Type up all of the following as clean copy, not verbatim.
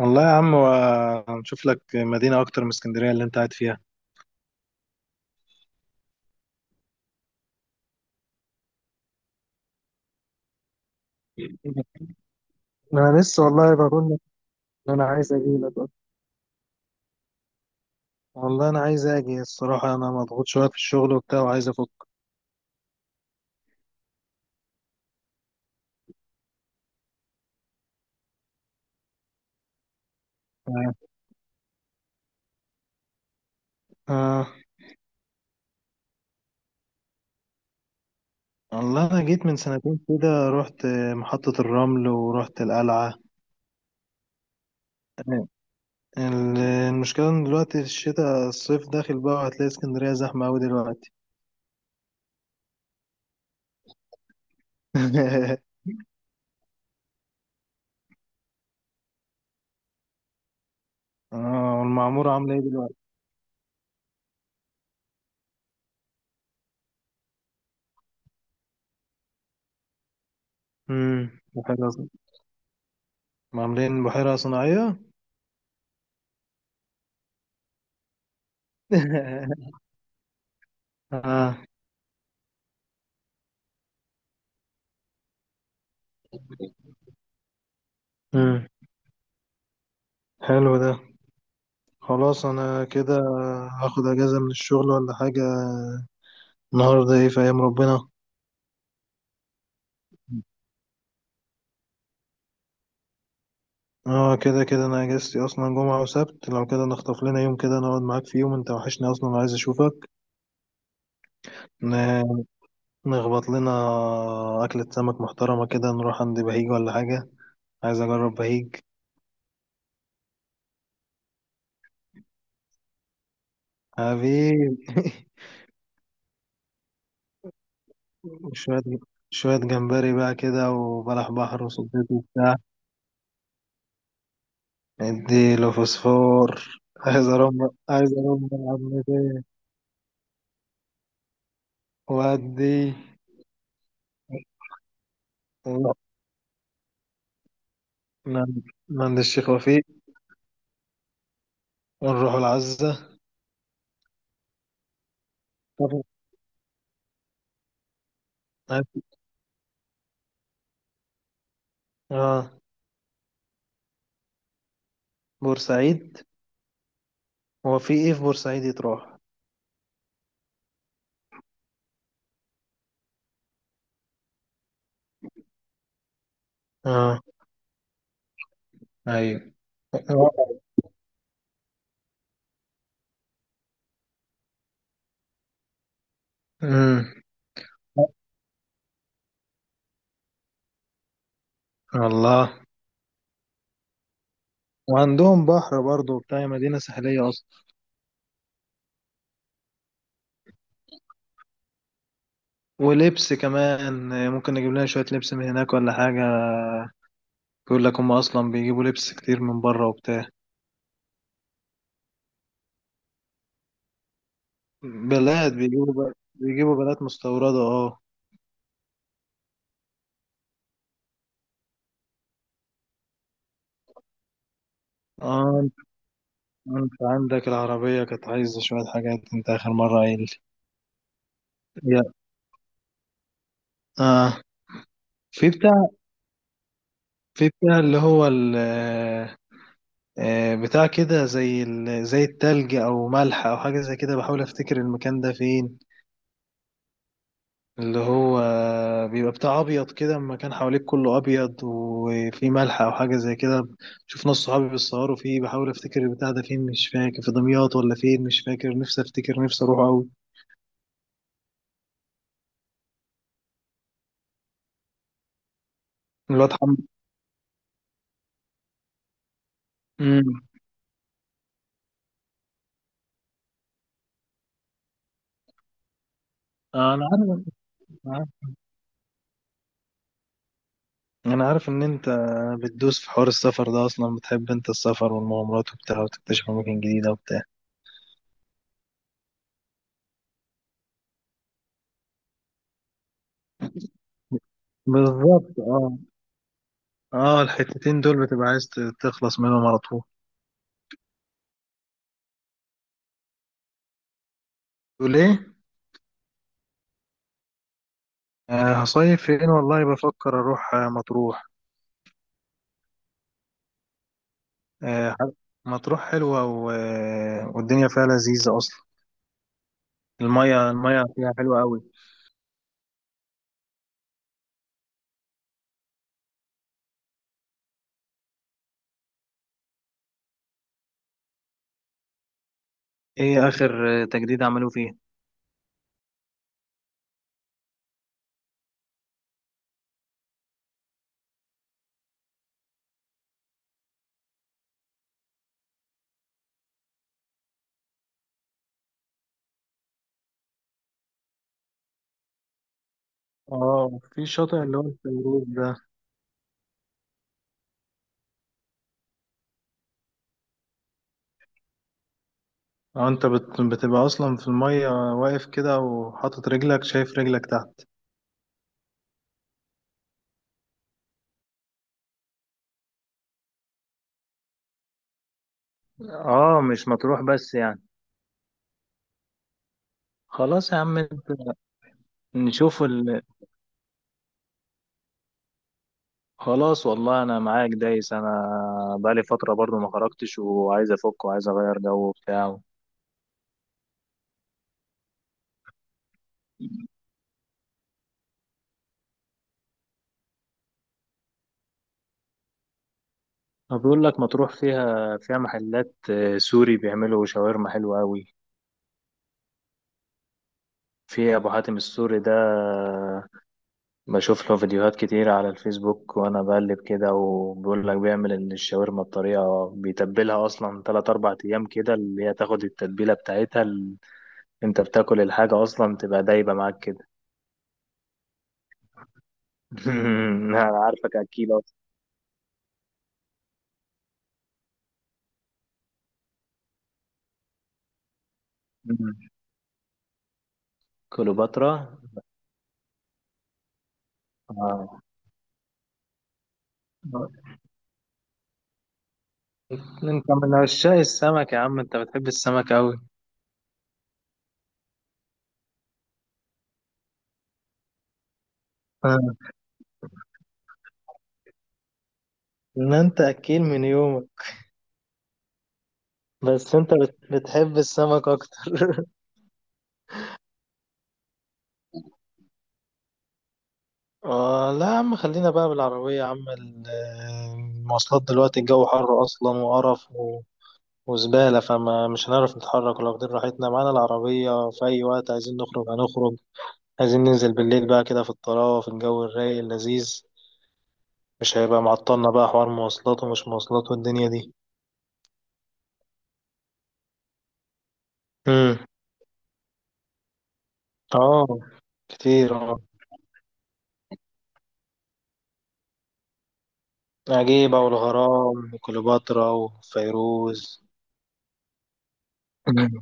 والله يا عم هنشوف لك مدينة أكتر من اسكندرية اللي أنت قاعد فيها. انا لسه والله بقول لك ان انا عايز اجيلك أصلاً. والله أنا عايز أجي الصراحة، أنا مضغوط شوية في الشغل وبتاع وعايز أفك. آه. آه. والله أنا جيت من سنتين كده، رحت محطة الرمل ورحت القلعة. آه. المشكلة إن دلوقتي الشتاء، الصيف داخل بقى وهتلاقي اسكندرية زحمة أوي دلوقتي. آه، والمعمورة عاملة إيه دلوقتي؟ مم. عاملين بحيرة صناعية. آه. امم حلو ده. خلاص، انا كده هاخد اجازة من الشغل ولا حاجة. النهاردة ايه في ايام ربنا؟ اه، كده كده انا اجازتي اصلا جمعة وسبت، لو كده نخطف لنا يوم كده نقعد معاك في يوم، انت وحشني اصلا وعايز اشوفك. ن- نخبط لنا اكلة سمك محترمة كده، نروح عند بهيج ولا حاجة. عايز اجرب بهيج. حبيبي. شوية شوية جمبري بقى كده، وبلح بحر وصبيط وبتاع. اديله فوسفور. عايز ارمى، عايز ارمى العمتين وادي. ونروح من من عند الشيخ وفيق. ونروح العزة. طب. اه، بورسعيد. هو في ايه في بورسعيد يتروح؟ اه. ايوه. امم. والله. وعندهم بحر برضه، بتاع مدينة ساحلية أصلا. ولبس كمان، ممكن نجيب لنا شوية لبس من هناك ولا حاجة. بيقول لك هم أصلا بيجيبوا لبس كتير من بره وبتاع. بلاد بيجيبوا بقى، بيجيبوا بلاد مستوردة، اه. اه، انت عندك العربية كانت عايزة شوية حاجات، انت آخر مرة قايل لي. يا اه، في بتاع، في بتاع اللي هو ال، آه، بتاع كده زي ال... زي التلج او ملح او حاجة زي كده، بحاول افتكر المكان ده فين. اللي هو بيبقى بتاع ابيض كده، المكان حواليك كله ابيض وفي ملح او حاجه زي كده. شوف ناس صحابي بيتصوروا فيه، بحاول افتكر البتاع ده فين، مش فاكر في دمياط ولا فين، مش فاكر، نفسي افتكر، نفسي اروح قوي. الواد حمد. امم. انا عارف. أنا عارف. أنا عارف ان انت بتدوس في حوار السفر ده اصلا، بتحب انت السفر والمغامرات وبتاع، وتكتشف اماكن جديده وبتاع. بالظبط، اه. اه، الحتتين دول بتبقى عايز تخلص منهم على طول. تقول ايه؟ آه، هصيف فين، والله بفكر اروح آه، مطروح. آه، ح- مطروح حلوة و... آه، والدنيا فيها لذيذة اصلا. المية المية فيها حلوة قوي. ايه اخر آه، تجديد عملوه فيه؟ اه، في شاطئ اللي هو الفيروز ده. اه، بتبقى اصلا في المية واقف كده وحاطط رجلك، شايف رجلك تحت. اه، مش مطروح بس يعني. خلاص يا عم انت. نشوف ال... خلاص والله انا معاك دايس انا. بقالي فترة برضو ما خرجتش وعايز افك وعايز اغير جو وبتاع. ما بيقول لك مطروح فيها، فيها محلات آه، سوري بيعملوا شاورما حلوة أوي. في أبو حاتم السوري ده آه، بشوف له فيديوهات كتير على الفيسبوك وأنا بقلب كده، وبيقول لك بيعمل الشاورما بطريقة بيتبلها أصلا تلات أربع أيام كده، اللي هي تاخد التتبيلة بتاعتها ال... أنت بتاكل الحاجة أصلا تبقى دايبة معاك كده. أنا عارفك أكيد أصلا. كليوباترا. آه. أنت من عشاق السمك يا عم، أنت بتحب السمك أوي. ان انت اكيل من يومك، بس بتحب السمك اكتر. آه لا يا عم، خلينا بقى بالعربية يا عم. المواصلات دلوقتي الجو حر اصلا وقرف و... وزبالة، فما مش هنعرف نتحرك، ولا واخدين راحتنا معانا العربية، في أي وقت عايزين نخرج هنخرج. عايزين ننزل بالليل بقى كده في الطراوة، في الجو الرايق اللذيذ. مش هيبقى معطلنا بقى حوار مواصلات ومش مواصلات والدنيا دي. امم. اه. كتير، اه. عجيبة والغرام وكليوباترا وفيروز. مم.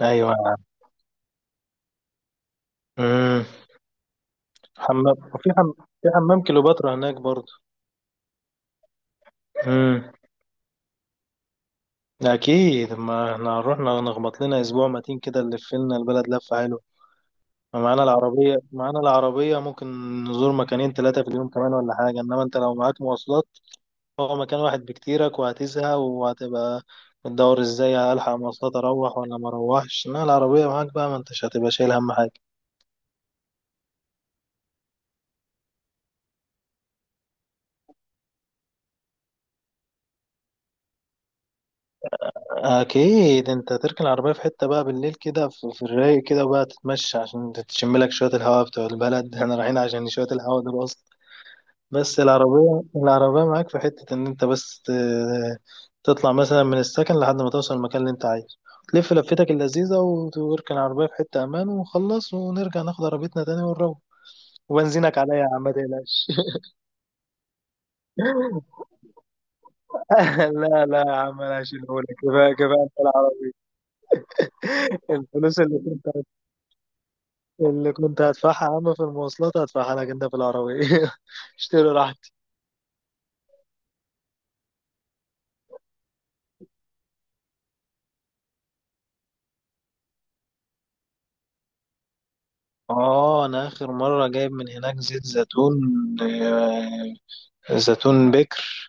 ايوه. امم. حمام وفي حم... في حمام كليوباترا هناك برضه. امم. اكيد، ما احنا هنروح نخبط لنا اسبوع متين كده، نلف لنا البلد لفه حلوه. ما معانا العربيه، معانا العربيه ممكن نزور مكانين ثلاثه في اليوم كمان ولا حاجه، انما انت لو معاك مواصلات، هو مكان واحد بكتيرك وهتزهق وهتبقى بتدور ازاي هلحق مواصلات، اروح ولا ما اروحش. انما العربيه معاك بقى ما انتش هتبقى شايل هم حاجه. اكيد، انت تركن العربيه في حته بقى بالليل كده في الرايق كده بقى، تتمشى عشان تشم لك شويه الهواء بتوع البلد. احنا رايحين عشان شويه الهواء دول اصلا. بس العربيه، العربيه معاك في حته، ان انت بس تطلع مثلا من السكن لحد ما توصل المكان اللي انت عايزه، تلف لفتك اللذيذه وتركن العربيه في حته امان، ونخلص ونرجع ناخد عربيتنا تاني ونروح. وبنزينك عليا يا عم، ما تقلقش. لا يا عم، انا هشيلهولك، كفايه كفايه انت العربيه. الفلوس اللي كنت هدفعها يا عم في المواصلات هدفعها لك انت في العربية. اشتري راحتي. اه، انا اخر مرة جايب من هناك زيت زيتون، آه، زيتون بكر،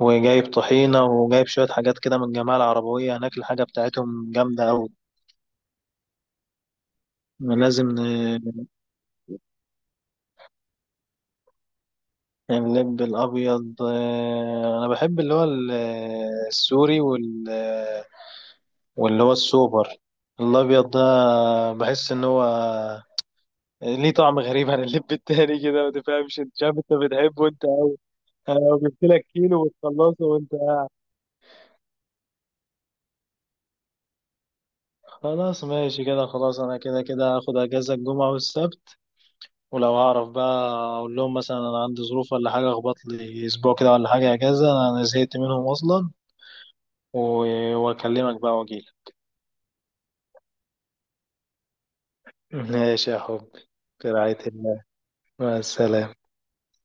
وجايب طحينة وجايب شوية حاجات كده من الجماعة العربوية هناك، الحاجة بتاعتهم جامدة أوي. لازم ن- يعني اللب الأبيض، آه، أنا بحب اللي هو السوري وال... واللي هو السوبر الأبيض ده، بحس إن هو يعني ليه طعم غريب عن اللب التاني كده، ما تفهمش انت، شايف انت بتحبه انت. انا لو جبت لك كيلو وتخلصه وانت. خلاص ماشي كده. خلاص، انا كده كده هاخد اجازه الجمعه والسبت، ولو هعرف بقى اقول لهم مثلا انا عندي ظروف ولا حاجه، اخبط لي اسبوع كده ولا حاجه اجازه، انا زهقت منهم اصلا. واكلمك بقى واجيلك. ماشي يا حبي. في رعايه الله. مع السلامه.